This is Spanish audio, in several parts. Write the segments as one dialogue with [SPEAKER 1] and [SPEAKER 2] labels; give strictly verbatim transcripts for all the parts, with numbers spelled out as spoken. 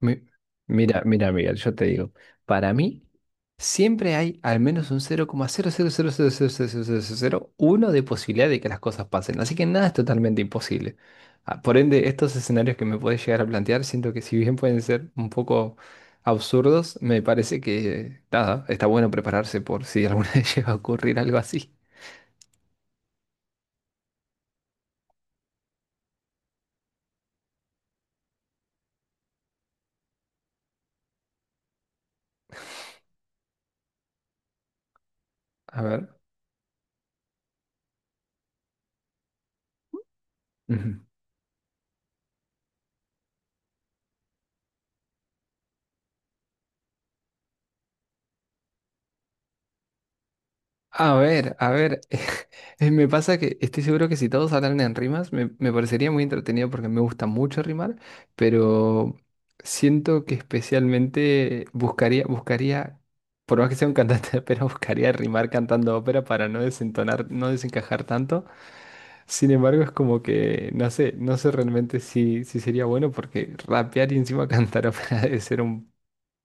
[SPEAKER 1] Mi- Mira, mira, Miguel, yo te digo, para mí siempre hay al menos un cero coma cero cero cero cero cero cero cero cero coma uno de posibilidad de que las cosas pasen, así que nada es totalmente imposible. Ah, por ende, estos escenarios que me podés llegar a plantear, siento que si bien pueden ser un poco absurdos, me parece que nada, está bueno prepararse por si alguna vez llega a ocurrir algo así. A ver. Ujú. A ver, a ver, eh, me pasa que estoy seguro que si todos hablaran en rimas, me, me parecería muy entretenido porque me gusta mucho rimar, pero siento que especialmente buscaría, buscaría, por más que sea un cantante de ópera, buscaría rimar cantando ópera para no desentonar, no desencajar tanto. Sin embargo, es como que, no sé, no sé realmente si, si sería bueno porque rapear y encima cantar ópera debe ser un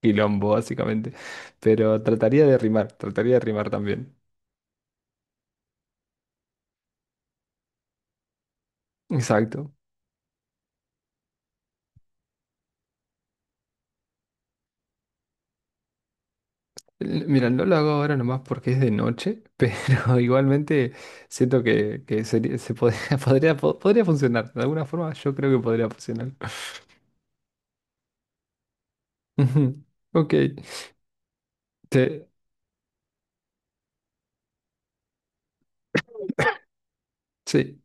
[SPEAKER 1] quilombo, básicamente, pero trataría de rimar, trataría de rimar también. Exacto. L- Mira, no lo hago ahora nomás porque es de noche, pero igualmente siento que, que sería- se podría, podría, po- podría funcionar. De alguna forma yo creo que podría funcionar. Ujú. Ok. Te- sí,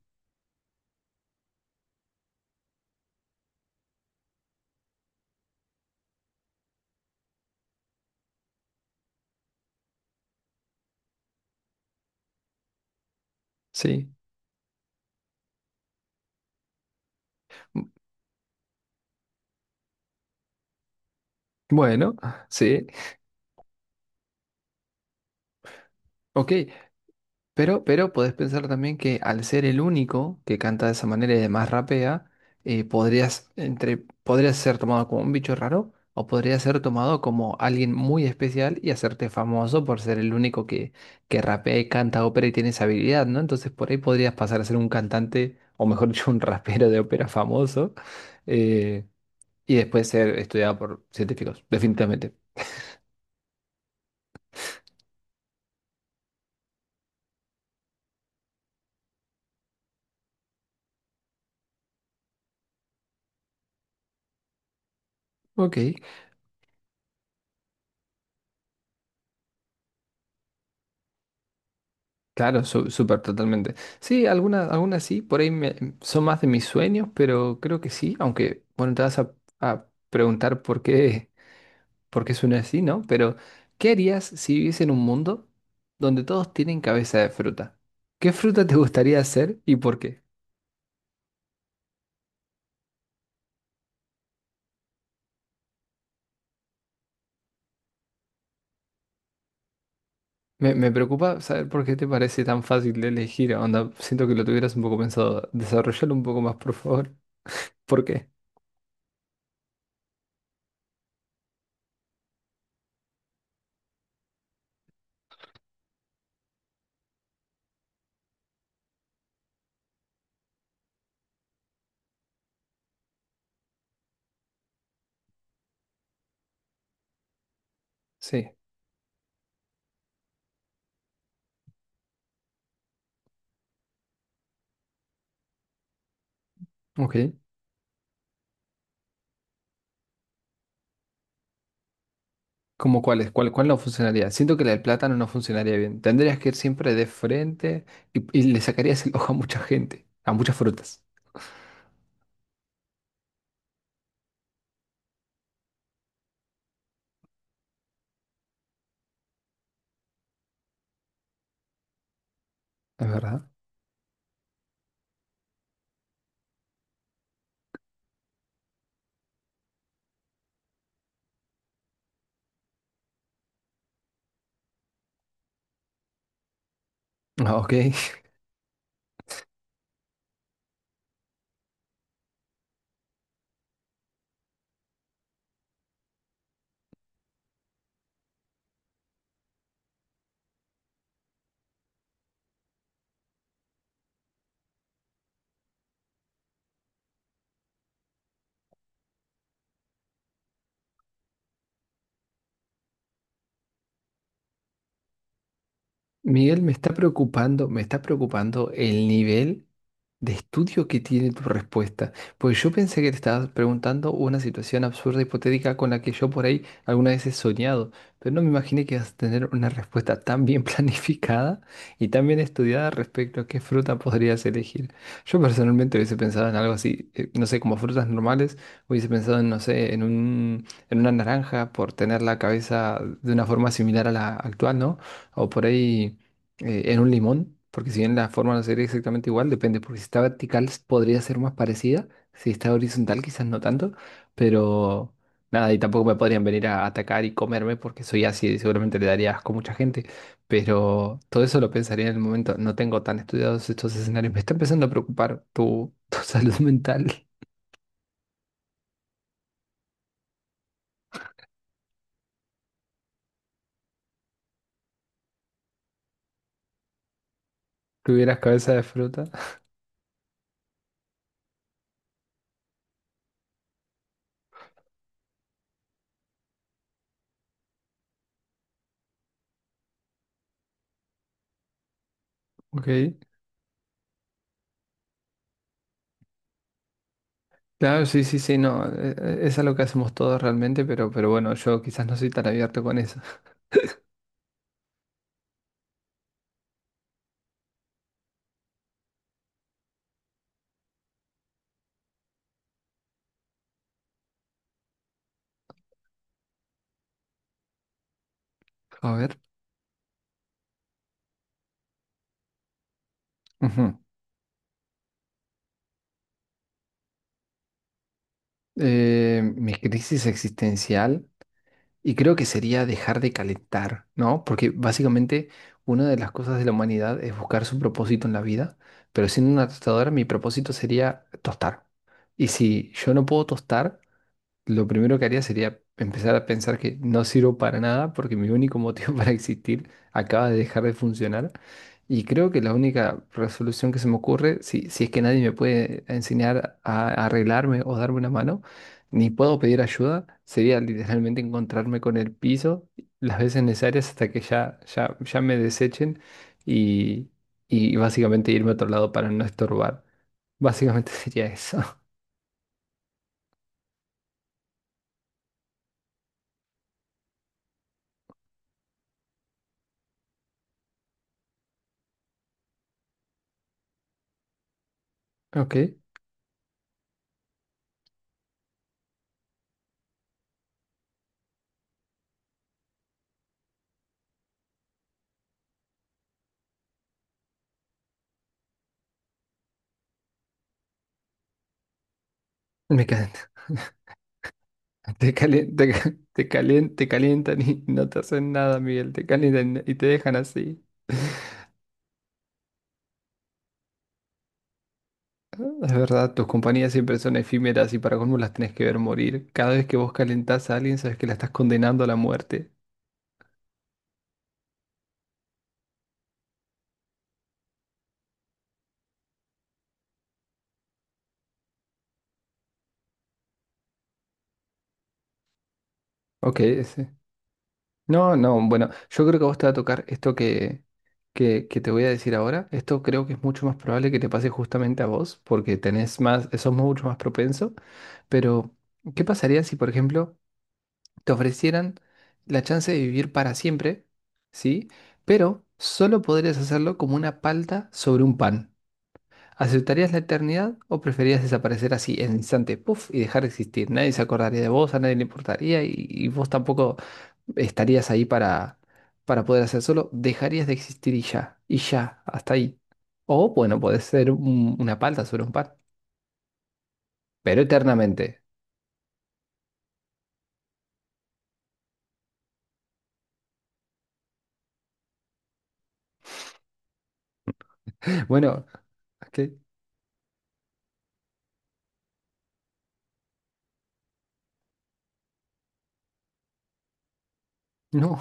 [SPEAKER 1] sí. M- Bueno, sí. Ok. Pero, pero podés pensar también que al ser el único que canta de esa manera y además rapea, eh, podrías, entre, podrías ser tomado como un bicho raro o podrías ser tomado como alguien muy especial y hacerte famoso por ser el único que, que rapea y canta ópera y tiene esa habilidad, ¿no? Entonces por ahí podrías pasar a ser un cantante, o mejor dicho, un rapero de ópera famoso, eh, y después ser estudiado por científicos, definitivamente. Ok. Claro, su- súper, totalmente. Sí, algunas algunas sí, por ahí me- son más de mis sueños, pero creo que sí, aunque, bueno, te vas a, a preguntar por qué, por qué suena así, ¿no? Pero, ¿qué harías si viviese en un mundo donde todos tienen cabeza de fruta? ¿Qué fruta te gustaría hacer y por qué? Me, me preocupa saber por qué te parece tan fácil de elegir, onda, siento que lo tuvieras un poco pensado. Desarrollalo un poco más, por favor. ¿Por qué? Sí, ok. ¿Cómo cuál es? ¿Cuál, cuál no funcionaría? Siento que la del plátano no funcionaría bien. Tendrías que ir siempre de frente y, y le sacarías el ojo a mucha gente, a muchas frutas. ¿Es verdad? Ah, ok. Miguel, me está preocupando, me está preocupando el nivel. De estudio que tiene tu respuesta. Pues yo pensé que te estabas preguntando una situación absurda, hipotética, con la que yo por ahí alguna vez he soñado, pero no me imaginé que ibas a tener una respuesta tan bien planificada y tan bien estudiada respecto a qué fruta podrías elegir. Yo personalmente hubiese pensado en algo así, eh, no sé, como frutas normales, hubiese pensado en, no sé, en un, en una naranja por tener la cabeza de una forma similar a la actual, ¿no? O por ahí eh, en un limón, porque si bien la forma no sería exactamente igual, depende, porque si está vertical podría ser más parecida, si está horizontal quizás no tanto, pero nada, y tampoco me podrían venir a atacar y comerme porque soy así y seguramente le daría asco a mucha gente, pero todo eso lo pensaría en el momento, no tengo tan estudiados estos escenarios, me está empezando a preocupar tu, tu salud mental, tuvieras cabeza de fruta, ok. Claro, sí, sí, sí, no, eh, eh, es algo que hacemos todos realmente, pero, pero bueno, yo quizás no soy tan abierto con eso. A ver. Ujú. eh, mi crisis existencial y creo que sería dejar de calentar, ¿no? Porque básicamente una de las cosas de la humanidad es buscar su propósito en la vida, pero siendo una tostadora mi propósito sería tostar. Y si yo no puedo tostar, lo primero que haría sería empezar a pensar que no sirvo para nada porque mi único motivo para existir acaba de dejar de funcionar. Y creo que la única resolución que se me ocurre, si, si es que nadie me puede enseñar a arreglarme o darme una mano, ni puedo pedir ayuda, sería literalmente encontrarme con el piso las veces necesarias hasta que ya, ya, ya me desechen y, y básicamente irme a otro lado para no estorbar. Básicamente sería eso. Ok, me quedan. Te calientan, te, ca- te calien- te calientan y no te hacen nada, Miguel. Te calientan y te dejan así. Es verdad, tus compañías siempre son efímeras y para colmo las tenés que ver morir. Cada vez que vos calentás a alguien, sabes que la estás condenando a la muerte. Ok, ese. No, no, bueno, yo creo que a vos te va a tocar esto que, que, que te voy a decir ahora. Esto creo que es mucho más probable que te pase justamente a vos, porque tenés más, sos mucho más propenso. Pero, ¿qué pasaría si, por ejemplo, te ofrecieran la chance de vivir para siempre, sí? Pero solo podrías hacerlo como una palta sobre un pan. ¿Aceptarías la eternidad o preferirías desaparecer así en el instante, puff, y dejar de existir? Nadie se acordaría de vos, a nadie le importaría y, y vos tampoco estarías ahí para, para poder hacer solo. Dejarías de existir y ya, y ya, hasta ahí. O bueno, podés ser un- una palta sobre un pan, pero eternamente. Bueno, ¿qué? No,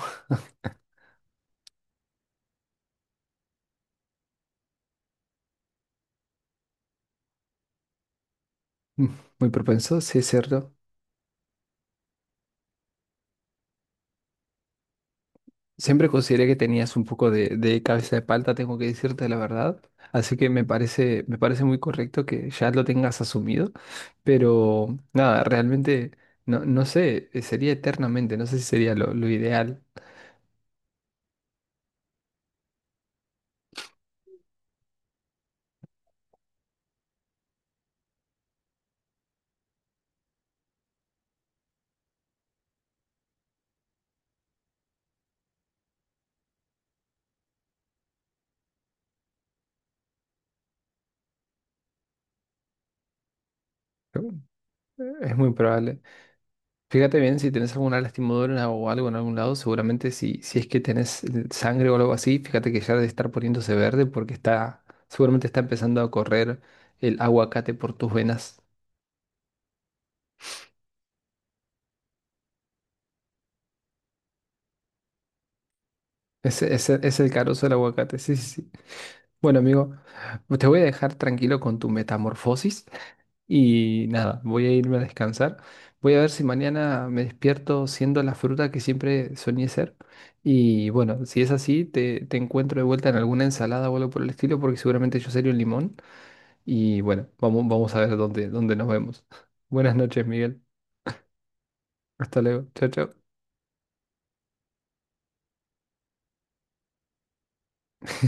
[SPEAKER 1] muy propenso, sí es cierto. Siempre consideré que tenías un poco de, de cabeza de palta, tengo que decirte la verdad. Así que me parece, me parece muy correcto que ya lo tengas asumido. Pero nada, realmente no, no sé, eh, sería eternamente, no sé si sería lo, lo ideal. Pero, eh, es muy probable. Fíjate bien si tenés alguna lastimadura o algo en algún lado, seguramente si, si es que tenés eh, sangre o algo así, fíjate que ya debe estar poniéndose verde porque está, seguramente está empezando a correr el aguacate por tus venas. Ese, ese es el carozo del aguacate, sí, sí, sí. Bueno, amigo, pues te voy a dejar tranquilo con tu metamorfosis y nada, voy a irme a descansar. Voy a ver si mañana me despierto siendo la fruta que siempre soñé ser. Y bueno, si es así, te, te encuentro de vuelta en alguna ensalada o algo por el estilo, porque seguramente yo seré un limón. Y bueno, vamos, vamos a ver dónde, dónde nos vemos. Buenas noches, Miguel. Hasta luego. Chao, chao.